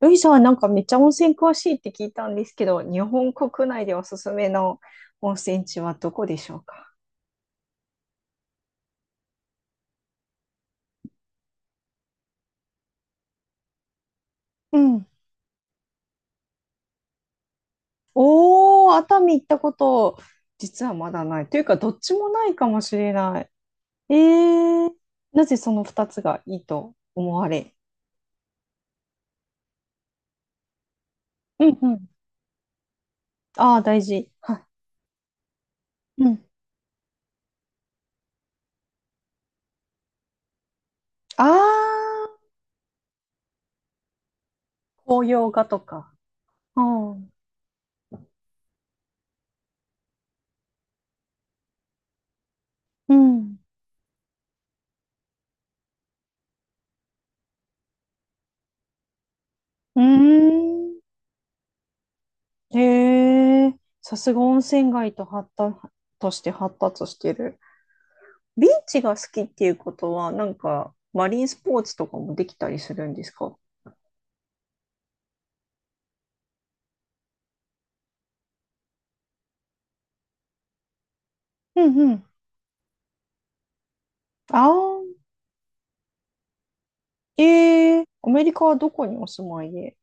ルイさんはなんかめっちゃ温泉詳しいって聞いたんですけど、日本国内でおすすめの温泉地はどこでしょうか？うん。おー、熱海行ったこと、実はまだない。というか、どっちもないかもしれない。えー、なぜその2つがいいと思われ？うんうん。ああ、大事。はい。うん。ああ、紅葉画とか。うん。うん。うーん。へえ、さすが温泉街と発達として発達してる。ビーチが好きっていうことは、なんか、マリンスポーツとかもできたりするんですか？うんうん。ああ、アメリカはどこにお住まいで？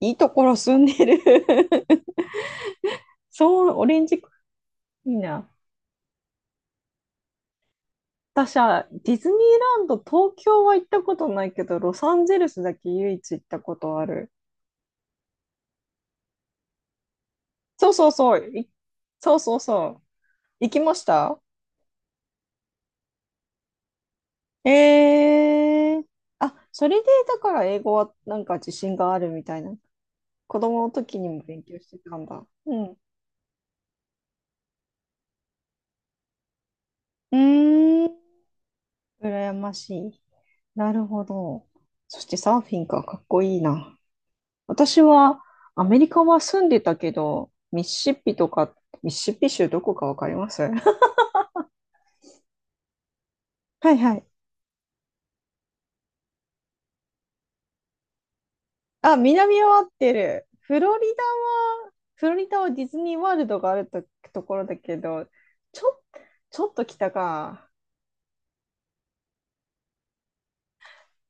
いいところ住んでる。 そう、オレンジ、いいな。私はディズニーランド、東京は行ったことないけど、ロサンゼルスだけ唯一行ったことある。そうそうそう、いそうそうそう。行きました。えー、あ、それでだから英語はなんか自信があるみたいな、子供の時にも勉強してたんだ。うん。うーん。羨ましい。なるほど。そしてサーフィンか、かっこいいな。私はアメリカは住んでたけど、ミシシッピとか、ミシシッピ州どこかわかります？ はいはい。あ、南は合ってる。フロリダは、フロリダはディズニーワールドがあると、ところだけど、ちょ、ちょっと北か。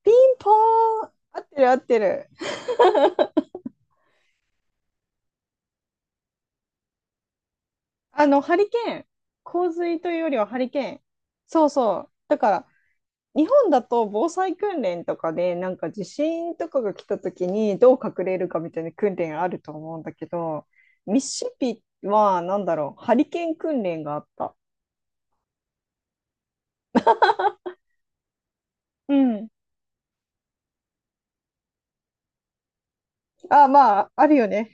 ピンポーン、合ってる合ってる。ハリケーン。洪水というよりはハリケーン。そうそう。だから、日本だと防災訓練とかで、なんか地震とかが来た時にどう隠れるかみたいな訓練あると思うんだけど、ミシシッピは、なんだろう、ハリケーン訓練があった。うん。あ、まあ、あるよね。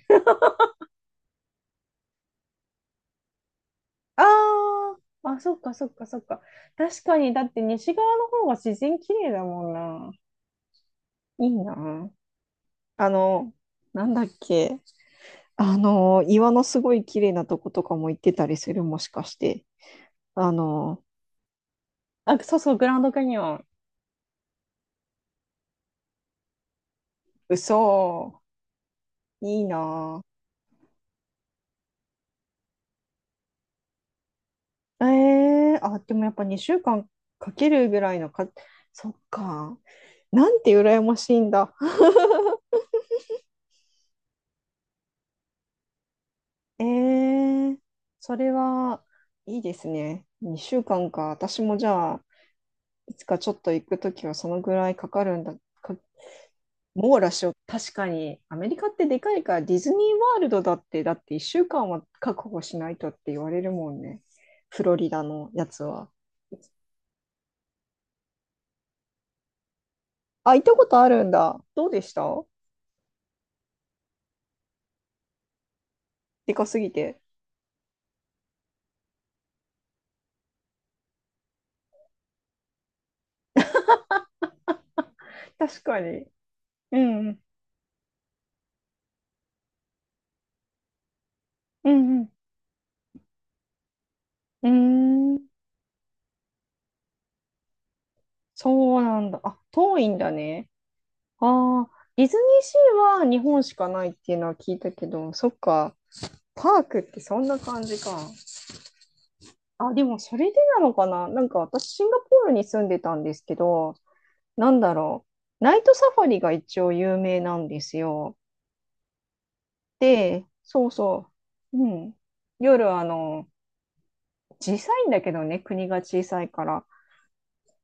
ああ、あ、そっかそっかそっか。確かに、だって西側の方が自然綺麗だもんな。いいな。あの、なんだっけ。岩のすごい綺麗なとことかも行ってたりする、もしかして。あの、あ、そうそう、グランドキャニオン。ー嘘、いいなぁ。あ、でもやっぱ2週間かんかけるぐらいのか、そっか。なんて羨ましいんだ。えー、それはいいですね。2週間かんか。私もじゃあ、いつかちょっと行くときはそのぐらいかかるんだ、か、網羅しよう。確かに、アメリカってでかいから、ディズニーワールドだって1週間は確保しないとって言われるもんね。フロリダのやつは。あ、行ったことあるんだ。どうでした？でかすぎて。確かに。うんうん。うんうん。うーん。そうなんだ。あ、遠いんだね。ああ、ディズニーシーは日本しかないっていうのは聞いたけど、そっか。パークってそんな感じか。あ、でもそれでなのかな。なんか私、シンガポールに住んでたんですけど、なんだろう。ナイトサファリが一応有名なんですよ。で、そうそう。うん。夜、小さいんだけどね、国が小さいから。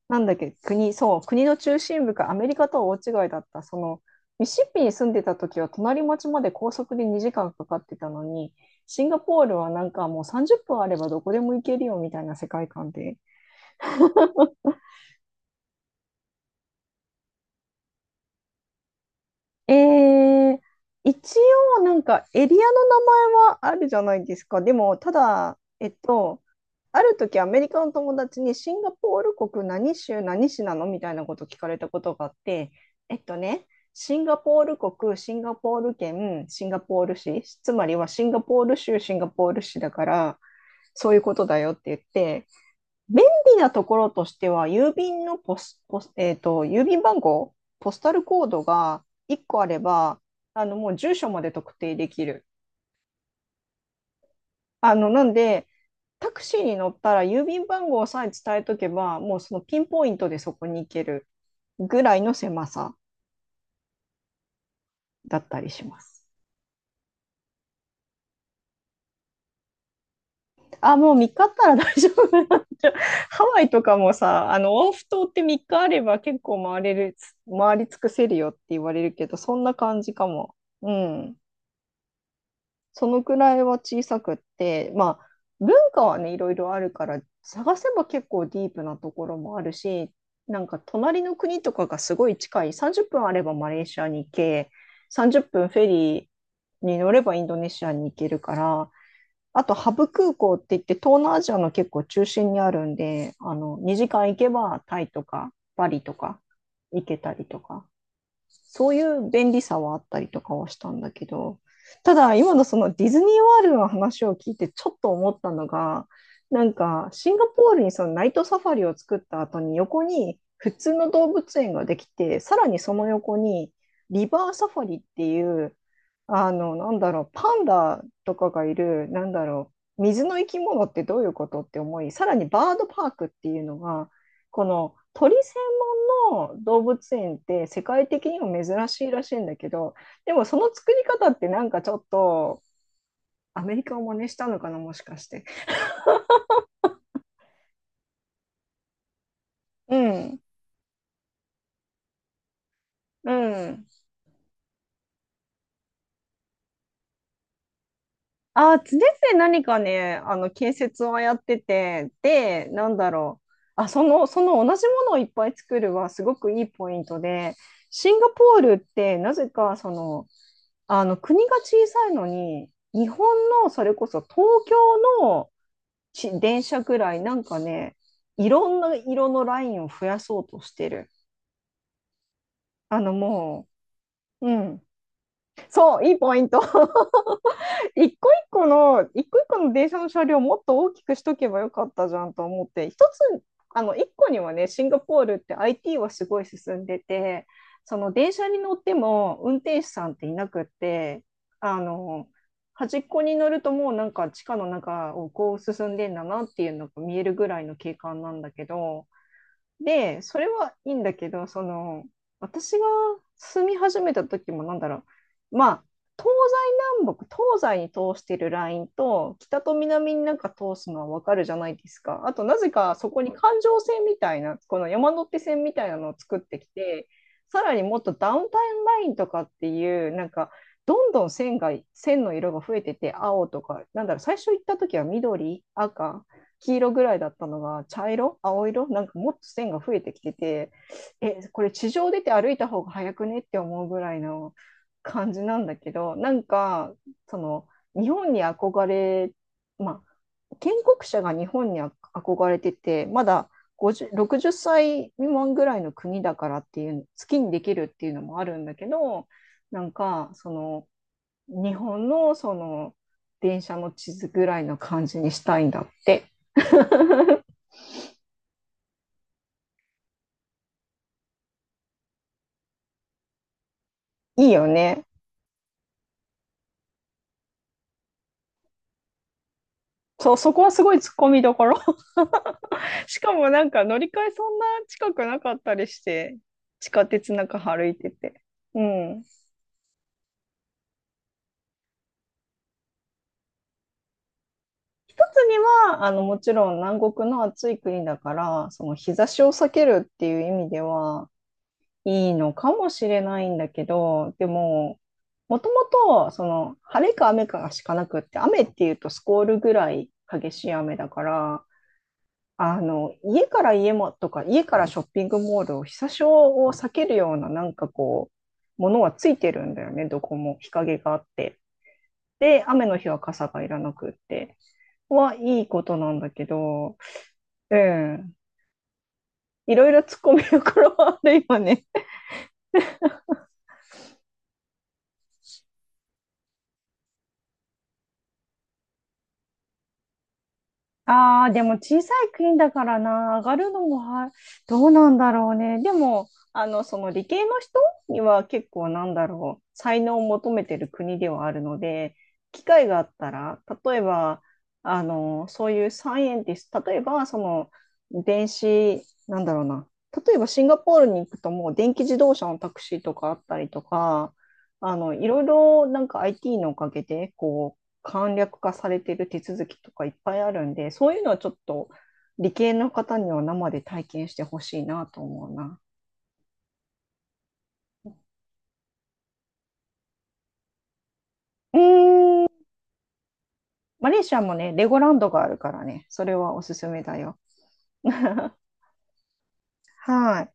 なんだっけ、国、そう、国の中心部か、アメリカとは大違いだった。ミシシッピに住んでた時は隣町まで高速で2時間かかってたのに、シンガポールはなんかもう30分あればどこでも行けるよみたいな世界観で。えー、一応なんかエリアの名前はあるじゃないですか。でも、ただ、ある時アメリカの友達にシンガポール国何州何市なのみたいなこと聞かれたことがあって、えっとね、シンガポール国、シンガポール県、シンガポール市、つまりはシンガポール州、シンガポール市だから、そういうことだよって言って、便利なところとしては、郵便のポス、ポス、えっと、郵便番号、ポスタルコードが1個あれば、もう住所まで特定できる。なんで、タクシーに乗ったら郵便番号さえ伝えとけば、もうそのピンポイントでそこに行けるぐらいの狭さだったりします。あ、もう3日あったら大丈夫なんじゃ。 ハワイとかもさ、オアフ島って3日あれば結構回れる、回り尽くせるよって言われるけど、そんな感じかも。うん。そのくらいは小さくって、まあ、文化はね、いろいろあるから、探せば結構ディープなところもあるし、なんか隣の国とかがすごい近い、30分あればマレーシアに行け、30分フェリーに乗ればインドネシアに行けるから、あとハブ空港って言って東南アジアの結構中心にあるんで、2時間行けばタイとかバリとか行けたりとか、そういう便利さはあったりとかはしたんだけど、ただ今のそのディズニーワールドの話を聞いてちょっと思ったのが、なんかシンガポールにそのナイトサファリを作った後に横に普通の動物園ができて、さらにその横にリバーサファリっていう、なんだろう、パンダとかがいる、なんだろう、水の生き物ってどういうことって思い、さらにバードパークっていうのが、この鳥専門の動物園って世界的にも珍しいらしいんだけど、でもその作り方ってなんかちょっとアメリカを真似したのかな、もしかして。うん、うん。常々何かね、あの建設をやってて、で、なんだろう。あ、その同じものをいっぱい作るはすごくいいポイントで、シンガポールってなぜかあの国が小さいのに、日本のそれこそ東京のし電車ぐらい、なんかね、いろんな色のラインを増やそうとしてる。あのもう、うん、そう、いいポイント。一個一個の電車の車両をもっと大きくしとけばよかったじゃんと思って、一つ、一個にはね、シンガポールって IT はすごい進んでて、その電車に乗っても運転手さんっていなくって、あの、端っこに乗るともうなんか地下の中をこう進んでんだなっていうのが見えるぐらいの景観なんだけど、で、それはいいんだけど、私が住み始めた時も、なんだろう、まあ、東西南北、東西に通してるラインと、北と南になんか通すのはわかるじゃないですか。あと、なぜかそこに環状線みたいな、この山手線みたいなのを作ってきて、さらにもっとダウンタウンラインとかっていう、なんか、どんどん線が、線の色が増えてて、青とか、なんだろう、最初行った時は緑、赤、黄色ぐらいだったのが茶色青色、なんかもっと線が増えてきてて、え、これ地上出て歩いた方が早くねって思うぐらいの感じなんだけど、なんかその、日本に憧れ、まあ建国者が日本に憧れてて、まだ50 60歳未満ぐらいの国だからっていう、好きにできるっていうのもあるんだけど、なんかその、日本のその電車の地図ぐらいの感じにしたいんだって。いいよね。そう、そこはすごい突っ込みどころ。しかもなんか乗り換えそんな近くなかったりして、地下鉄なんか歩いてて。うん。一つには、もちろん南国の暑い国だから、その日差しを避けるっていう意味では、いいのかもしれないんだけど、でも、もともと、晴れか雨かしかなくって、雨っていうとスコールぐらい激しい雨だから、家から家もとか、家からショッピングモールを日差しを避けるような、なんかこう、ものはついてるんだよね、どこも日陰があって。で、雨の日は傘がいらなくって、はいいことなんだけど、うん、いろいろ突っ込みどころはあるよね。ああ、でも小さい国だからな、上がるのもは、どうなんだろうね。でも、その理系の人には結構なんだろう、才能を求めてる国ではあるので、機会があったら、例えば、そういうサイエンティスト、例えば、その、電子、なんだろうな、例えばシンガポールに行くともう電気自動車のタクシーとかあったりとか、いろいろなんか IT のおかげで、こう、簡略化されている手続きとかいっぱいあるんで、そういうのはちょっと理系の方には生で体験してほしいなと思うな。うーん、マレーシアもね、レゴランドがあるからね、それはおすすめだよ。はい。